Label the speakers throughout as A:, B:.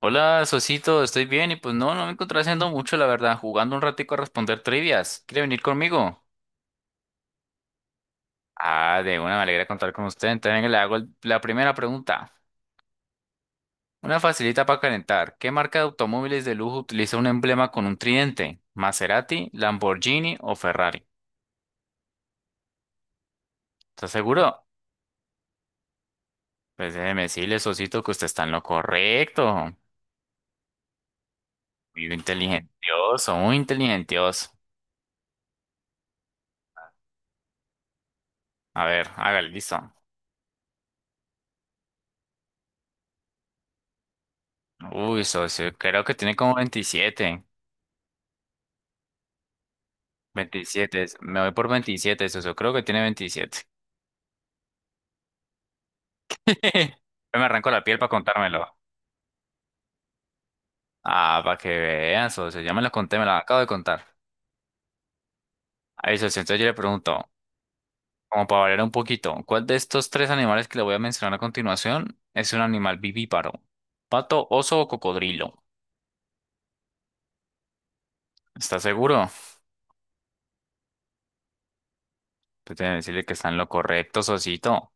A: Hola, Sosito, estoy bien y pues no, no me encontré haciendo mucho, la verdad, jugando un ratico a responder trivias. ¿Quiere venir conmigo? Ah, de una, me alegra contar con usted. Entonces venga, le hago la primera pregunta. Una facilita para calentar. ¿Qué marca de automóviles de lujo utiliza un emblema con un tridente? ¿Maserati, Lamborghini o Ferrari? ¿Está seguro? Pues déjeme decirle, Sosito, que usted está en lo correcto. Muy inteligentioso, muy inteligentioso. A ver, hágale, listo. Uy, socio, creo que tiene como 27. 27, me voy por 27, eso, eso, creo que tiene 27. Me arranco la piel para contármelo. Ah, para que vean, socio, ya me lo conté, me lo acabo de contar. Ahí, socio, entonces yo le pregunto, como para variar un poquito, ¿cuál de estos tres animales que le voy a mencionar a continuación es un animal vivíparo? ¿Pato, oso o cocodrilo? ¿Estás seguro? Pues debe decirle que está en lo correcto, socito.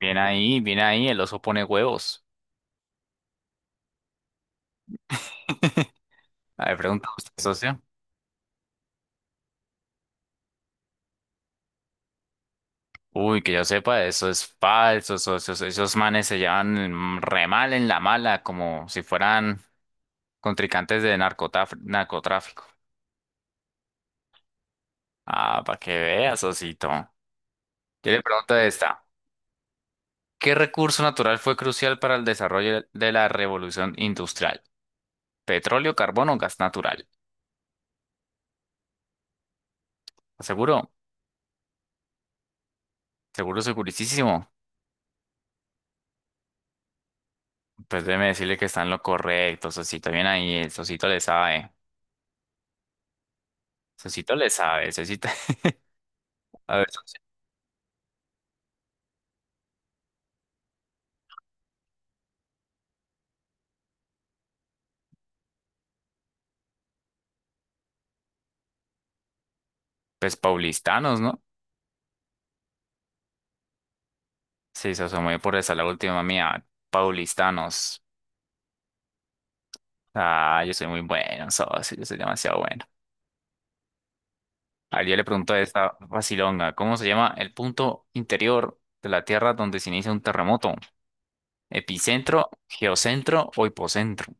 A: Bien ahí, el oso pone huevos. A ver, pregunta usted, socio. Uy, que yo sepa, eso es falso, esos manes se llevan mm, re mal en la mala, como si fueran contrincantes de narcotráfico. Ah, para que veas, Osito. Yo le pregunto esta. ¿Qué recurso natural fue crucial para el desarrollo de la revolución industrial? ¿Petróleo, carbón o gas natural? ¿Seguro? ¿Seguro, segurísimo? Pues déjeme decirle que está en lo correcto, Sosito. Bien ahí, el Sosito le sabe. Sosito le sabe, Sosito. A ver, Sosito. Pues paulistanos, ¿no? Sí, se muy por esa la última mía. Paulistanos. Ah, yo soy muy bueno, socio, yo soy demasiado bueno. Ayer le pregunto a esta vacilonga, ¿cómo se llama el punto interior de la Tierra donde se inicia un terremoto? ¿Epicentro, geocentro o hipocentro?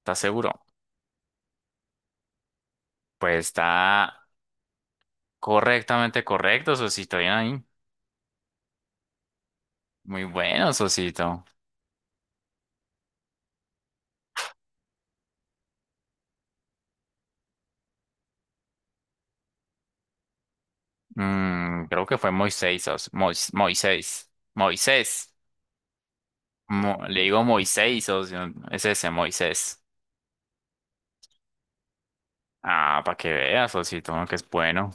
A: ¿Estás seguro? Pues está correctamente correcto, sosito, bien ahí. Muy bueno, sosito. Mm, creo que fue Moisés, socio. Moisés. Moisés. Le digo Moisés, socio. Es ese, Moisés. Ah, para que veas, Osito, uno que es bueno.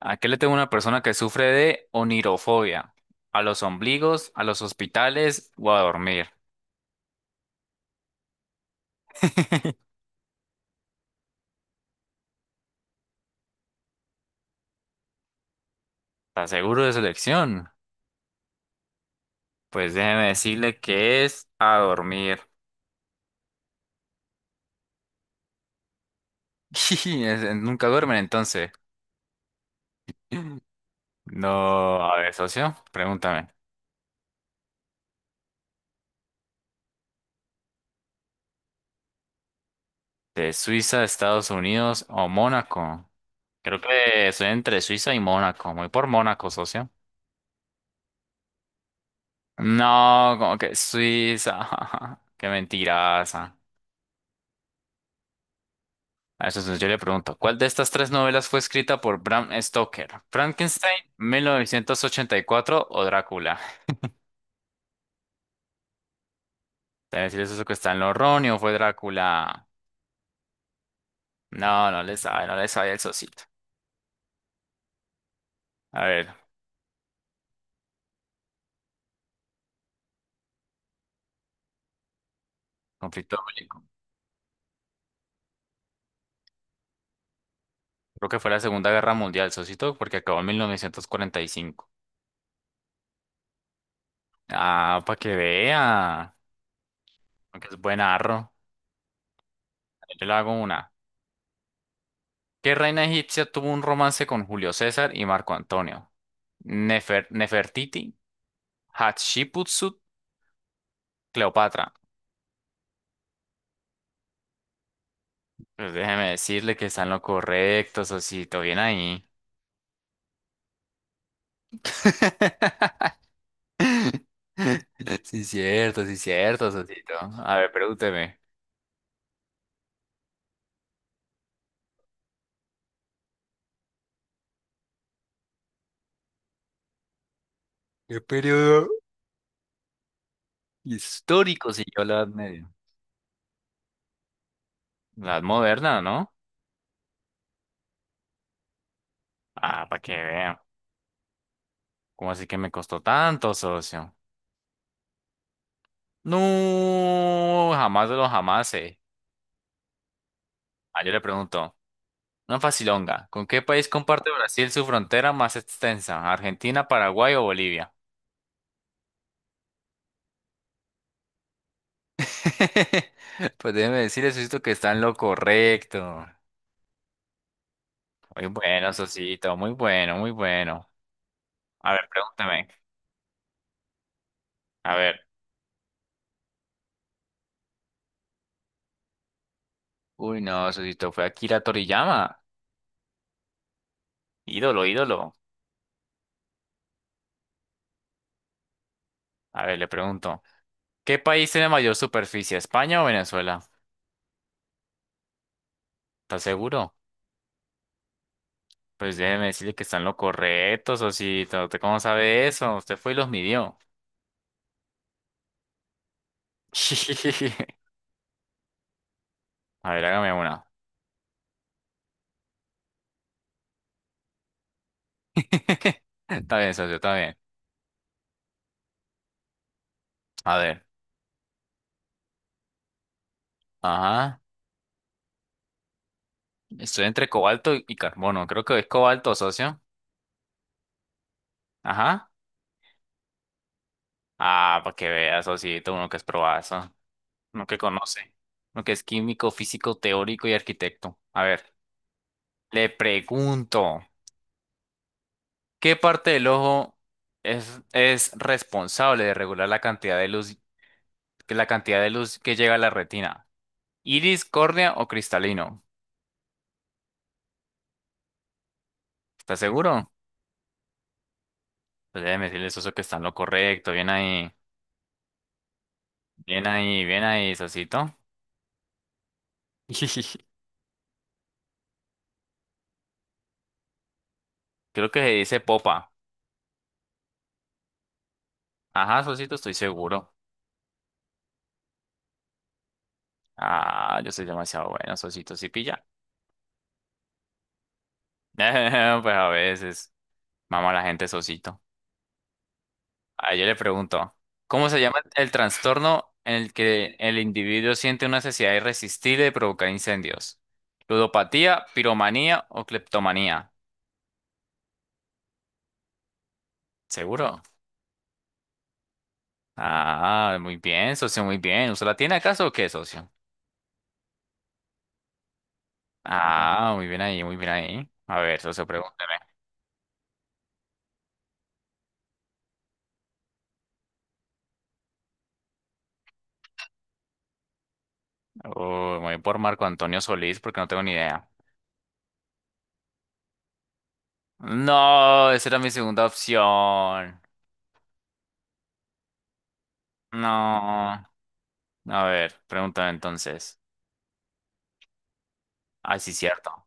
A: Aquí le tengo una persona que sufre de onirofobia. A los ombligos, a los hospitales o a dormir. ¿Está seguro de su elección? Pues déjeme decirle que es a dormir. Es- Nunca duermen entonces. No, a ver, socio, pregúntame. ¿De Suiza, Estados Unidos o Mónaco? Creo que soy entre Suiza y Mónaco. Muy por Mónaco, socio. No, como que Suiza. Qué mentiraza. A eso entonces yo le pregunto, ¿cuál de estas tres novelas fue escrita por Bram Stoker? ¿Frankenstein, 1984 o Drácula? Debe decir eso que está en los Ronnie o fue Drácula. No, no le sabe, no le sabe el socito. A ver, conflicto bélico. Creo que fue la Segunda Guerra Mundial, socito, porque acabó en 1945. Ah, para que vea. Aunque es buen arro. Yo le hago una. ¿Qué reina egipcia tuvo un romance con Julio César y Marco Antonio? Nefertiti, Hatshepsut, Cleopatra. Pues déjeme decirle que están lo correcto, Sosito, bien ahí. Sí, cierto, Sosito. A ver, pregúnteme. ¿Qué periodo histórico siguió la Edad Media? La Edad Moderna, ¿no? Ah, para que vean. ¿Cómo así que me costó tanto, socio? No, jamás de los jamás. Ah, yo le pregunto, una facilonga, ¿con qué país comparte Brasil su frontera más extensa? ¿Argentina, Paraguay o Bolivia? Pues déjeme decirle, Sosito, que está en lo correcto. Muy bueno, Sosito, muy bueno, muy bueno. A ver, pregúntame. A ver. Uy, no, Sosito, fue Akira Toriyama. Ídolo, ídolo. A ver, le pregunto. ¿Qué país tiene mayor superficie, España o Venezuela? ¿Estás seguro? Pues déjeme decirle que está en lo correcto, Sosito. ¿Usted cómo sabe eso? Usted fue y los midió. A ver, hágame una. Está bien, socio, está bien. A ver, ajá. Estoy entre cobalto y carbono. Creo que es cobalto, socio. Ajá. Ah, para que veas, sociito, uno que es probazo, uno que conoce, uno que es químico, físico, teórico y arquitecto. A ver, le pregunto, ¿qué parte del ojo es responsable de regular la cantidad de luz, la cantidad de luz que llega a la retina? ¿Iris, córnea o cristalino? ¿Estás seguro? Pues déjeme decirle, Soso, que está en lo correcto. Bien ahí, bien ahí, bien ahí, Sosito. Creo que se dice popa. Ajá, Sosito, estoy seguro. Ah, yo soy demasiado bueno, Sosito, sí pilla. Pues a veces, mama la gente, Sosito. Ah, yo le pregunto, ¿cómo se llama el trastorno en el que el individuo siente una necesidad irresistible de provocar incendios? ¿Ludopatía, piromanía o cleptomanía? ¿Seguro? Ah, muy bien, socio, muy bien. ¿Usted la tiene acaso o qué, socio? Ah, muy bien ahí, muy bien ahí. A ver, socio, pregúnteme. Uy, me voy por Marco Antonio Solís porque no tengo ni idea. No, esa era mi segunda opción. No. A ver, pregúntame entonces. Ah, sí, cierto.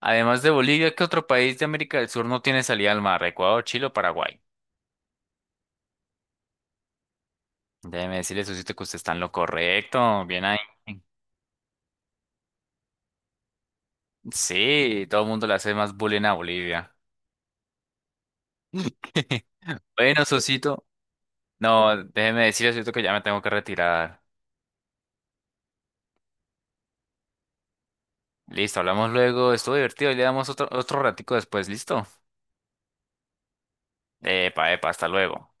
A: Además de Bolivia, ¿qué otro país de América del Sur no tiene salida al mar? ¿Ecuador, Chile o Paraguay? Déjeme decirle, socio, que usted está en lo correcto. Bien ahí. Sí, todo el mundo le hace más bullying a Bolivia. Bueno, Sosito, no, déjeme decirle, Sosito, que ya me tengo que retirar. Listo, hablamos luego. Estuvo divertido y le damos otro, otro ratico después. ¿Listo? Epa, epa, hasta luego.